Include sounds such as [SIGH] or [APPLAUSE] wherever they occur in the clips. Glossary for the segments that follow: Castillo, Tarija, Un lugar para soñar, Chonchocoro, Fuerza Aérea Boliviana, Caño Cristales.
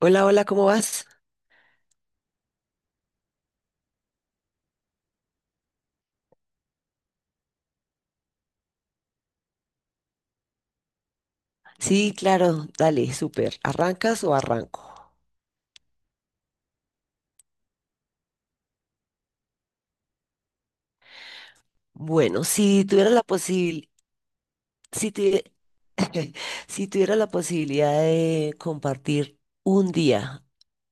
Hola, hola, ¿cómo vas? Sí, claro, dale, súper. ¿Arrancas o arranco? Bueno, si tuvi- [LAUGHS] si tuviera la posibilidad de compartir un día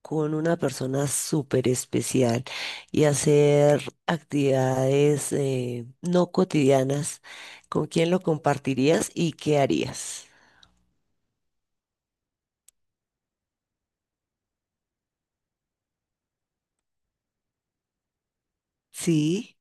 con una persona súper especial y hacer actividades no cotidianas, ¿con quién lo compartirías y qué harías? Sí,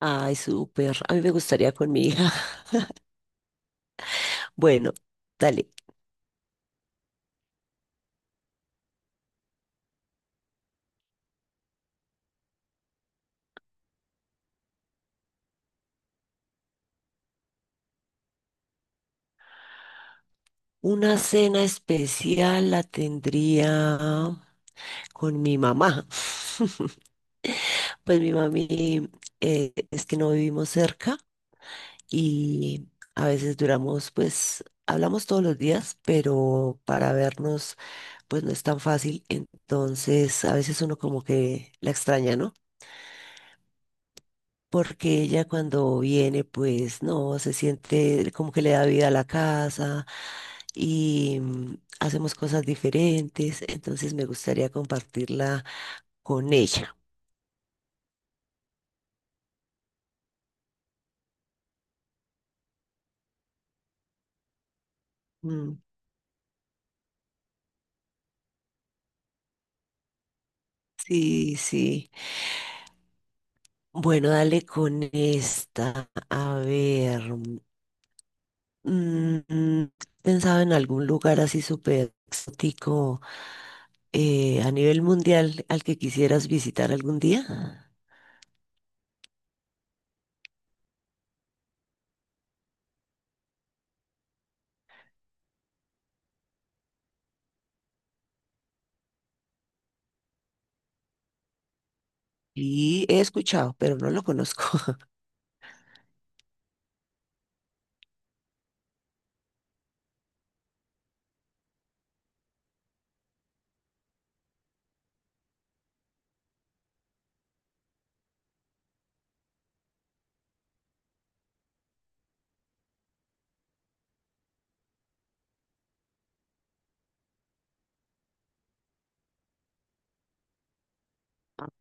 ay, súper. A mí me gustaría con mi hija. [LAUGHS] Bueno, dale. Una cena especial la tendría con mi mamá. [LAUGHS] Pues mi mami es que no vivimos cerca y a veces duramos, pues hablamos todos los días, pero para vernos pues no es tan fácil. Entonces a veces uno como que la extraña, ¿no? Porque ella cuando viene, pues no, se siente como que le da vida a la casa y hacemos cosas diferentes, entonces me gustaría compartirla con ella. Mm, sí, sí. Bueno, dale con esta. A ver, mm, mm, pensaba en algún lugar así súper exótico a nivel mundial al que quisieras visitar algún día. Y he escuchado, pero no lo conozco. [LAUGHS]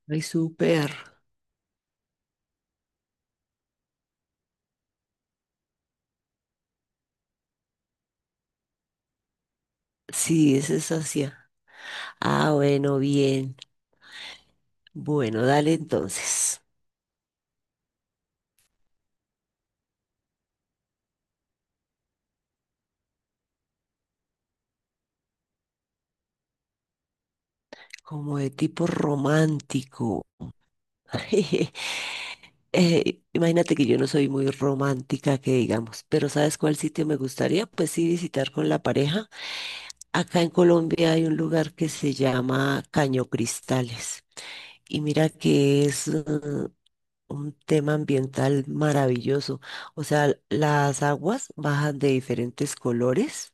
Ay, súper. Sí, esa es Asia. Ah, bueno, bien. Bueno, dale entonces. Como de tipo romántico. [LAUGHS] Imagínate que yo no soy muy romántica, que digamos, pero ¿sabes cuál sitio me gustaría? Pues sí, visitar con la pareja. Acá en Colombia hay un lugar que se llama Caño Cristales y mira que es un tema ambiental maravilloso. O sea, las aguas bajan de diferentes colores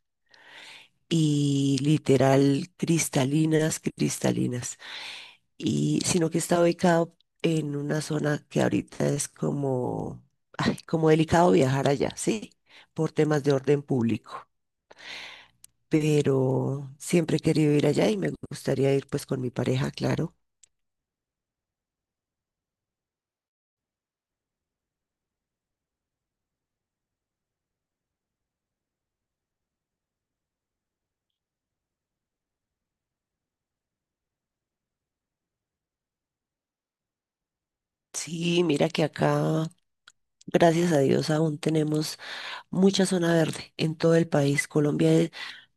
y literal cristalinas, cristalinas. Y sino que está ubicado en una zona que ahorita es como, ay, como delicado viajar allá, ¿sí? Por temas de orden público. Pero siempre he querido ir allá y me gustaría ir pues con mi pareja, claro. Sí, mira que acá, gracias a Dios, aún tenemos mucha zona verde en todo el país. Colombia, es-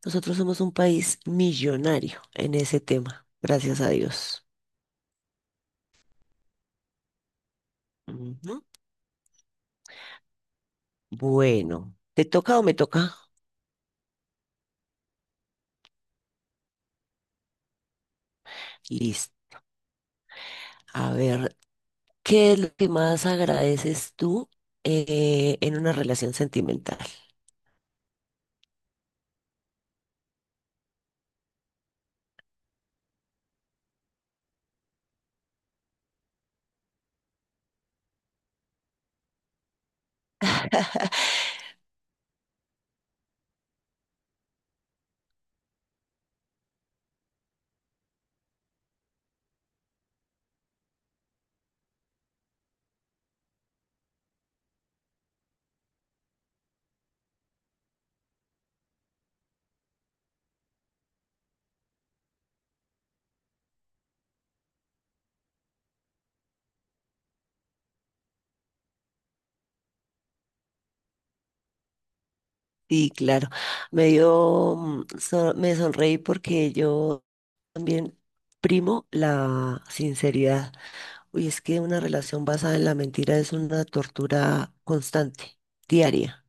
nosotros somos un país millonario en ese tema, gracias a Dios. Ujú. Bueno, ¿te toca o me toca? Listo. A ver, ¿qué es lo que más agradeces tú en una relación sentimental? [LAUGHS] Sí, claro. Me dio, me sonreí porque yo también primo la sinceridad. Uy, es que una relación basada en la mentira es una tortura constante, diaria.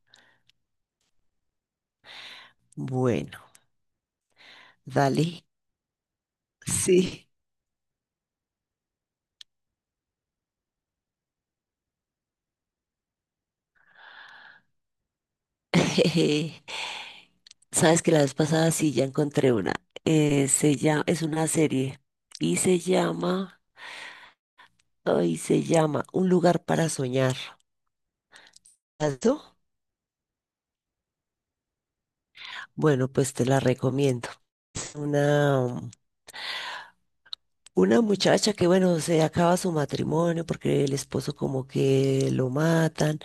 Bueno, dale. [LAUGHS] Sí. [LAUGHS] Jeje. Sabes que la vez pasada sí ya encontré una. Se llama, es una serie y se llama Un lugar para soñar. ¿Has visto? Bueno, pues te la recomiendo. Es una, Una muchacha que, bueno, se acaba su matrimonio porque el esposo como que lo matan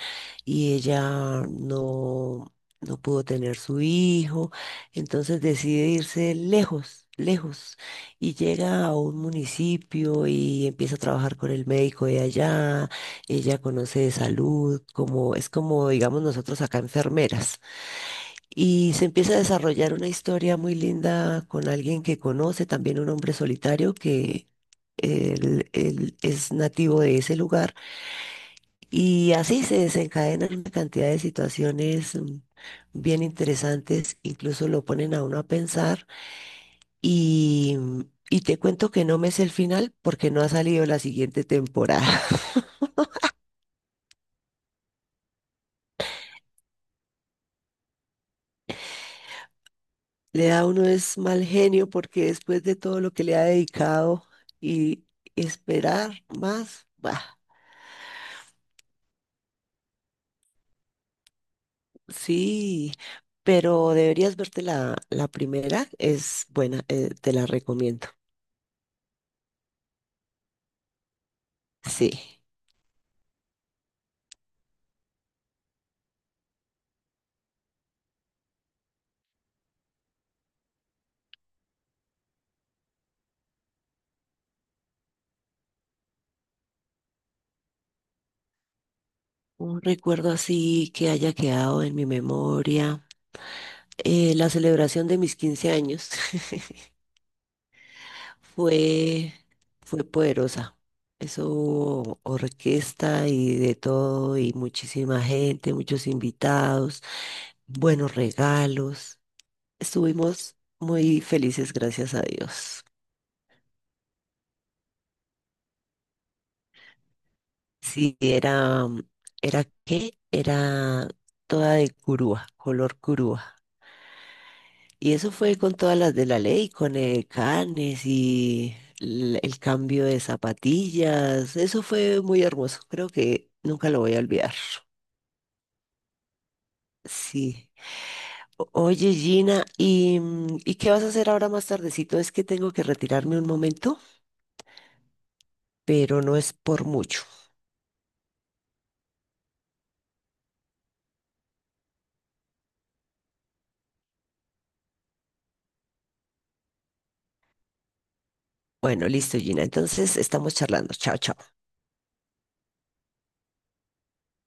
y ella no, no pudo tener su hijo, entonces decide irse lejos, lejos, y llega a un municipio y empieza a trabajar con el médico de allá, ella conoce de salud, como, es como, digamos, nosotros acá enfermeras. Y se empieza a desarrollar una historia muy linda con alguien que conoce, también un hombre solitario que él es nativo de ese lugar. Y así se desencadenan una cantidad de situaciones bien interesantes, incluso lo ponen a uno a pensar. Y, y te cuento que no me sé el final porque no ha salido la siguiente temporada. [LAUGHS] Le da a uno es mal genio porque después de todo lo que le ha dedicado y esperar más, bah. Sí, pero deberías verte la primera, es buena, te la recomiendo. Sí, un recuerdo así que haya quedado en mi memoria. Eh, la celebración de mis 15 años [LAUGHS] fue, fue poderosa. Eso hubo orquesta y de todo, y muchísima gente, muchos invitados, buenos regalos. Estuvimos muy felices, gracias a Dios. Sí, era toda de curúa, color curúa. Y eso fue con todas las de la ley, con el canes y l- el, cambio de zapatillas. Eso fue muy hermoso, creo que nunca lo voy a olvidar. Sí. Oye, Gina, ¿y qué vas a hacer ahora más tardecito? Es que tengo que retirarme un momento, pero no es por mucho. Bueno, listo, Gina. Entonces estamos charlando. Chao, chao.